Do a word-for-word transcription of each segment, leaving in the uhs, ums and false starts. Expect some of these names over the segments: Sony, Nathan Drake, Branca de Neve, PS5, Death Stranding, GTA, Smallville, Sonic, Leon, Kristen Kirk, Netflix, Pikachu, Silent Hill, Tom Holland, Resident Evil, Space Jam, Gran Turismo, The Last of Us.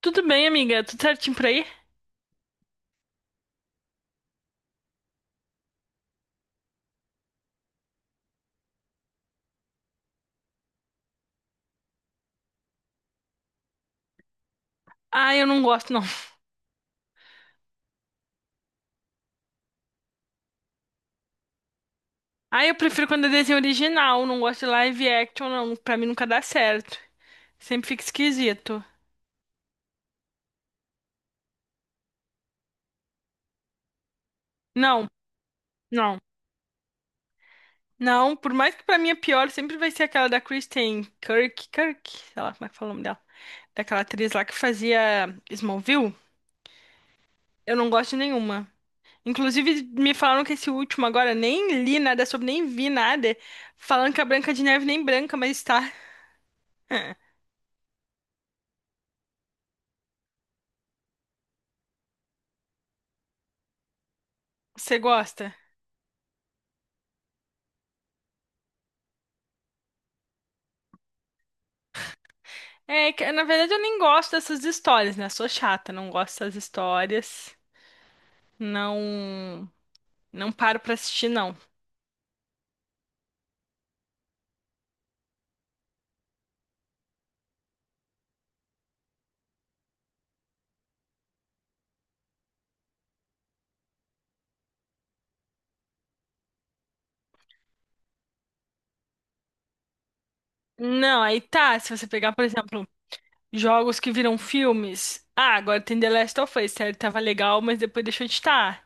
Tudo bem, amiga? Tudo certinho por aí? Ah, eu não gosto, não. Ah, eu prefiro quando é desenho original. Não gosto de live action, não. Pra mim nunca dá certo. Sempre fica esquisito. Não, não. Não, por mais que pra mim é pior, sempre vai ser aquela da Kristen Kirk, Kirk, sei lá como é que fala o nome dela. Daquela atriz lá que fazia Smallville. Eu não gosto de nenhuma. Inclusive, me falaram que esse último agora, nem li nada sobre, nem vi nada. Falando que a Branca de Neve nem branca, mas tá. Você gosta? É, que, na verdade eu nem gosto dessas histórias, né? Sou chata, não gosto dessas histórias. Não, não paro pra assistir, não. Não, aí tá, se você pegar, por exemplo, jogos que viram filmes. Ah, agora tem The Last of Us, sério, tava legal, mas depois deixou de estar.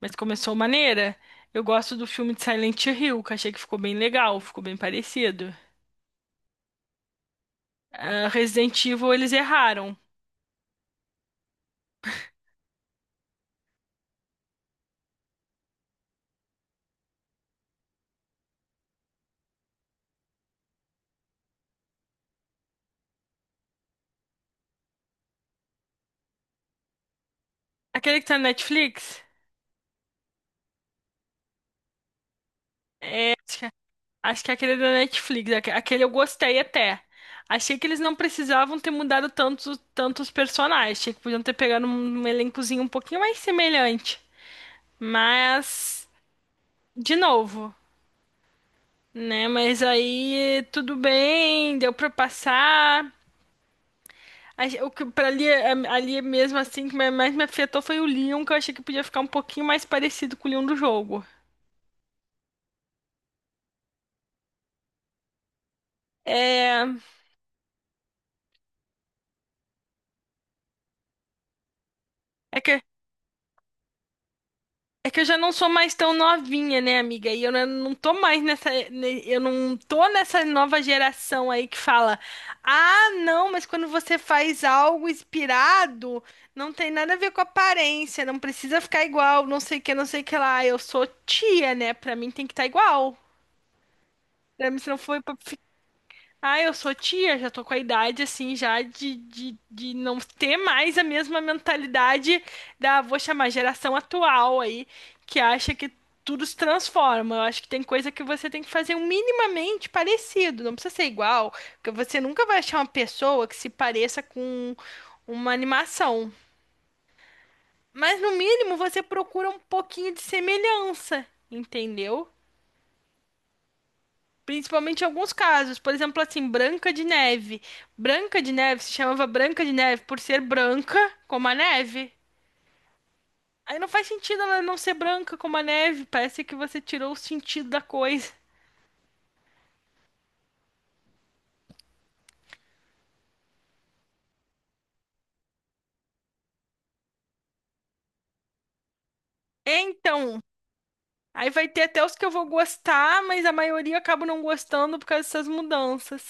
Mas começou maneira. Eu gosto do filme de Silent Hill, que achei que ficou bem legal, ficou bem parecido. Ah, Resident Evil, eles erraram. Aquele que tá na Netflix? Acho que aquele da Netflix, aque- aquele eu gostei até. Achei que eles não precisavam ter mudado tantos tantos personagens. Achei que podiam ter pegado um, um elencozinho um pouquinho mais semelhante. Mas, de novo, né? Mas aí tudo bem, deu pra passar. A- O que pra ali, ali mesmo assim que mais me afetou foi o Leon, que eu achei que podia ficar um pouquinho mais parecido com o Leon do jogo. É, é que É que eu já não sou mais tão novinha, né, amiga? E eu não não tô mais nessa. ne- Eu não tô nessa nova geração aí que fala: ah, não, mas quando você faz algo inspirado, não tem nada a ver com aparência, não precisa ficar igual, não sei o que, não sei o que lá. Eu sou tia, né? Pra mim tem que estar igual. Pra mim, se não for pra ah, eu sou tia, já tô com a idade assim, já de, de, de não ter mais a mesma mentalidade da, vou chamar, geração atual aí, que acha que tudo se transforma. Eu acho que tem coisa que você tem que fazer um minimamente parecido, não precisa ser igual, porque você nunca vai achar uma pessoa que se pareça com uma animação. Mas no mínimo você procura um pouquinho de semelhança, entendeu? Principalmente em alguns casos, por exemplo, assim, Branca de Neve. Branca de Neve se chamava Branca de Neve por ser branca como a neve. Aí não faz sentido ela não ser branca como a neve, parece que você tirou o sentido da coisa. Então, aí vai ter até os que eu vou gostar, mas a maioria eu acabo não gostando por causa dessas mudanças.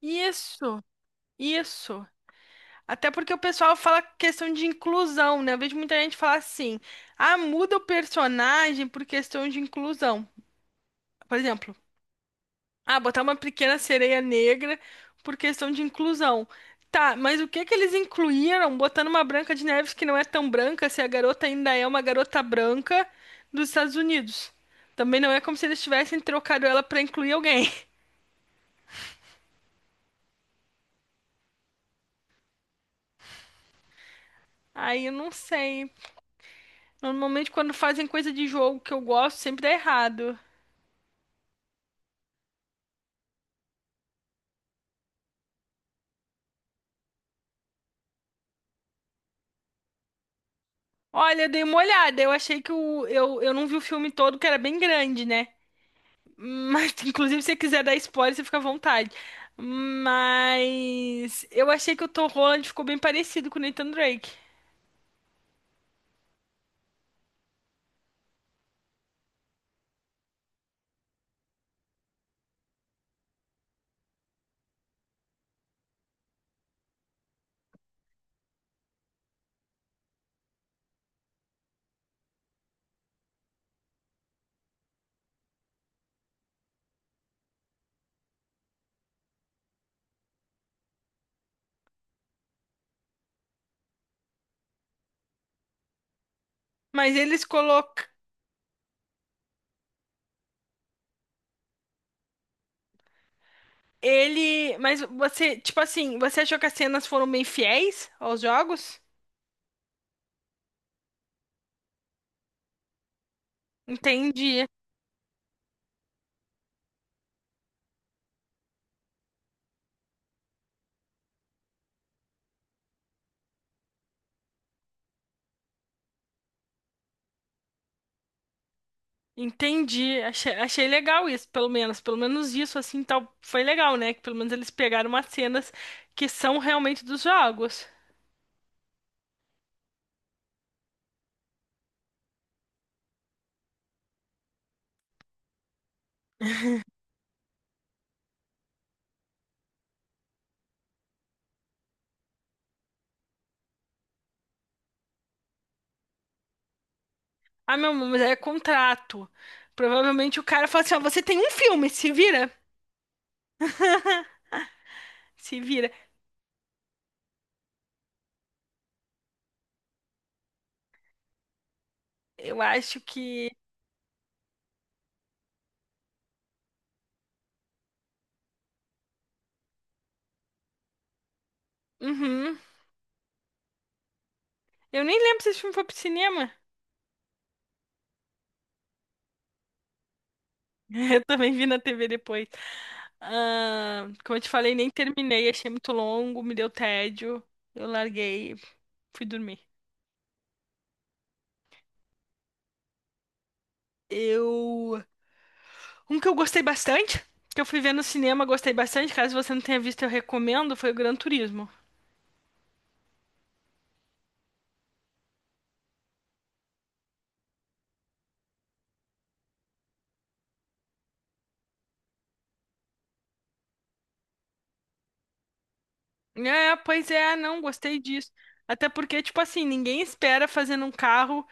Isso, isso. Até porque o pessoal fala questão de inclusão, né? Eu vejo muita gente falar assim: ah, muda o personagem por questão de inclusão. Por exemplo. Ah, botar uma pequena sereia negra por questão de inclusão. Tá, mas o que que eles incluíram botando uma Branca de Neves que não é tão branca, se a garota ainda é uma garota branca dos Estados Unidos? Também não é como se eles tivessem trocado ela pra incluir alguém. Aí eu não sei. Normalmente quando fazem coisa de jogo que eu gosto, sempre dá errado. Olha, eu dei uma olhada, eu achei que o eu, eu não vi o filme todo, que era bem grande, né? Mas, inclusive, se você quiser dar spoiler, você fica à vontade. Mas eu achei que o Tom Holland ficou bem parecido com o Nathan Drake. Mas eles colocam ele, mas você, tipo assim, você achou que as cenas foram bem fiéis aos jogos? Entendi. Entendi. Achei, achei legal isso, pelo menos, pelo menos isso assim, tal, foi legal, né? Que pelo menos eles pegaram umas cenas que são realmente dos jogos. Ah, meu, amor, mas aí é contrato. Provavelmente o cara fala assim, ó, você tem um filme, se vira. Se vira. Eu acho que. Uhum. Eu nem lembro se esse filme foi pro cinema. Eu também vi na T V depois. Ah, como eu te falei, nem terminei. Achei muito longo, me deu tédio. Eu larguei, fui dormir. Eu. Um que eu gostei bastante, que eu fui ver no cinema, gostei bastante. Caso você não tenha visto, eu recomendo, foi o Gran Turismo. É, pois é, não gostei disso. Até porque, tipo assim, ninguém espera fazer num carro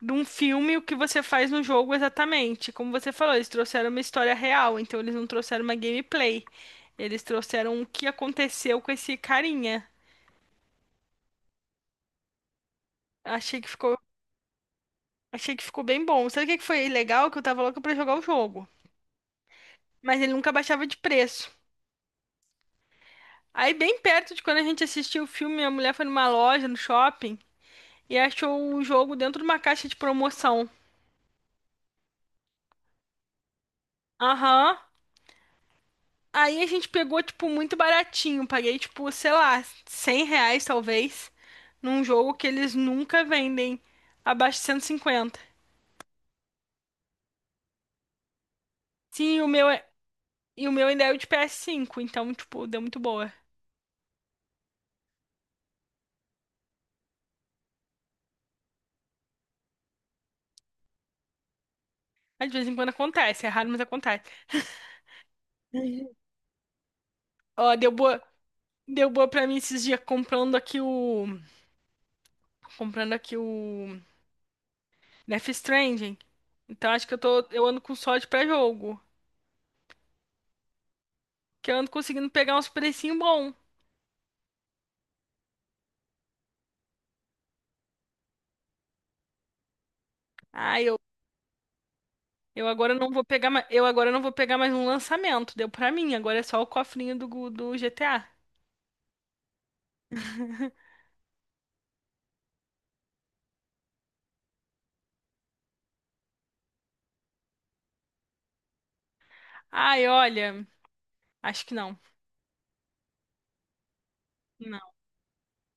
de um filme o que você faz no jogo exatamente. Como você falou, eles trouxeram uma história real, então eles não trouxeram uma gameplay. Eles trouxeram o que aconteceu com esse carinha. Achei que ficou, achei que ficou bem bom. Sabe o que que foi legal? Que eu tava louca pra jogar o jogo. Mas ele nunca baixava de preço. Aí, bem perto de quando a gente assistiu o filme, a mulher foi numa loja, no shopping, e achou o jogo dentro de uma caixa de promoção. Aham. Aí a gente pegou, tipo, muito baratinho. Paguei, tipo, sei lá, cem reais talvez, num jogo que eles nunca vendem abaixo de cento e cinquenta. Sim, o meu, é- e o meu ainda é o de P S cinco, então, tipo, deu muito boa. Mas de vez em quando acontece, é raro, mas acontece. Uhum. Ó, deu boa, deu boa pra mim esses dias comprando aqui o, comprando aqui o Death Stranding. Então acho que eu tô, eu ando com sorte pra jogo, que eu ando conseguindo pegar uns precinho bom. Aí Eu agora não vou pegar mais, eu agora não vou pegar mais um lançamento, deu pra mim, agora é só o cofrinho do, gu- do G T A. Ai, olha, acho que não. Não,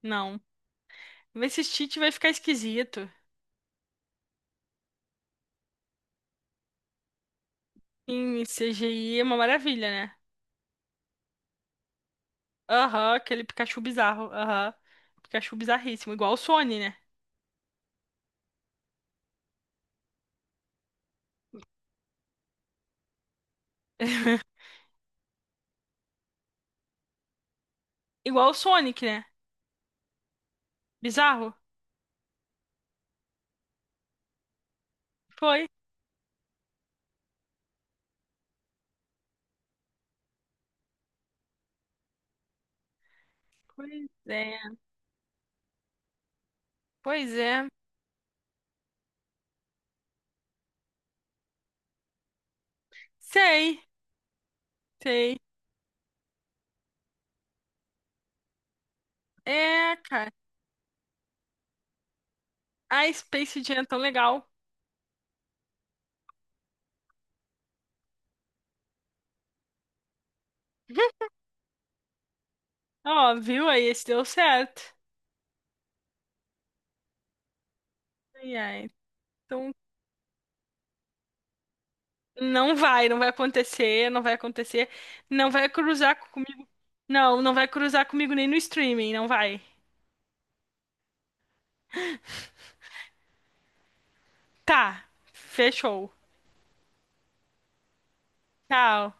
não. Esse cheat vai ficar esquisito. Em C G I é uma maravilha, né? Aham, aquele Pikachu bizarro. Aham. Pikachu bizarríssimo, igual o Sony, né? Igual o Sonic, né? Bizarro? Foi. Pois é. Pois é. Sei, sei. É, cara. A Space Jam é tão legal. Ó, viu aí? Esse deu certo. Ai, ai. Então, não vai, não vai acontecer, não vai acontecer. Não vai cruzar comigo. Não, não vai cruzar comigo nem no streaming, não vai. Tá, fechou. Tchau.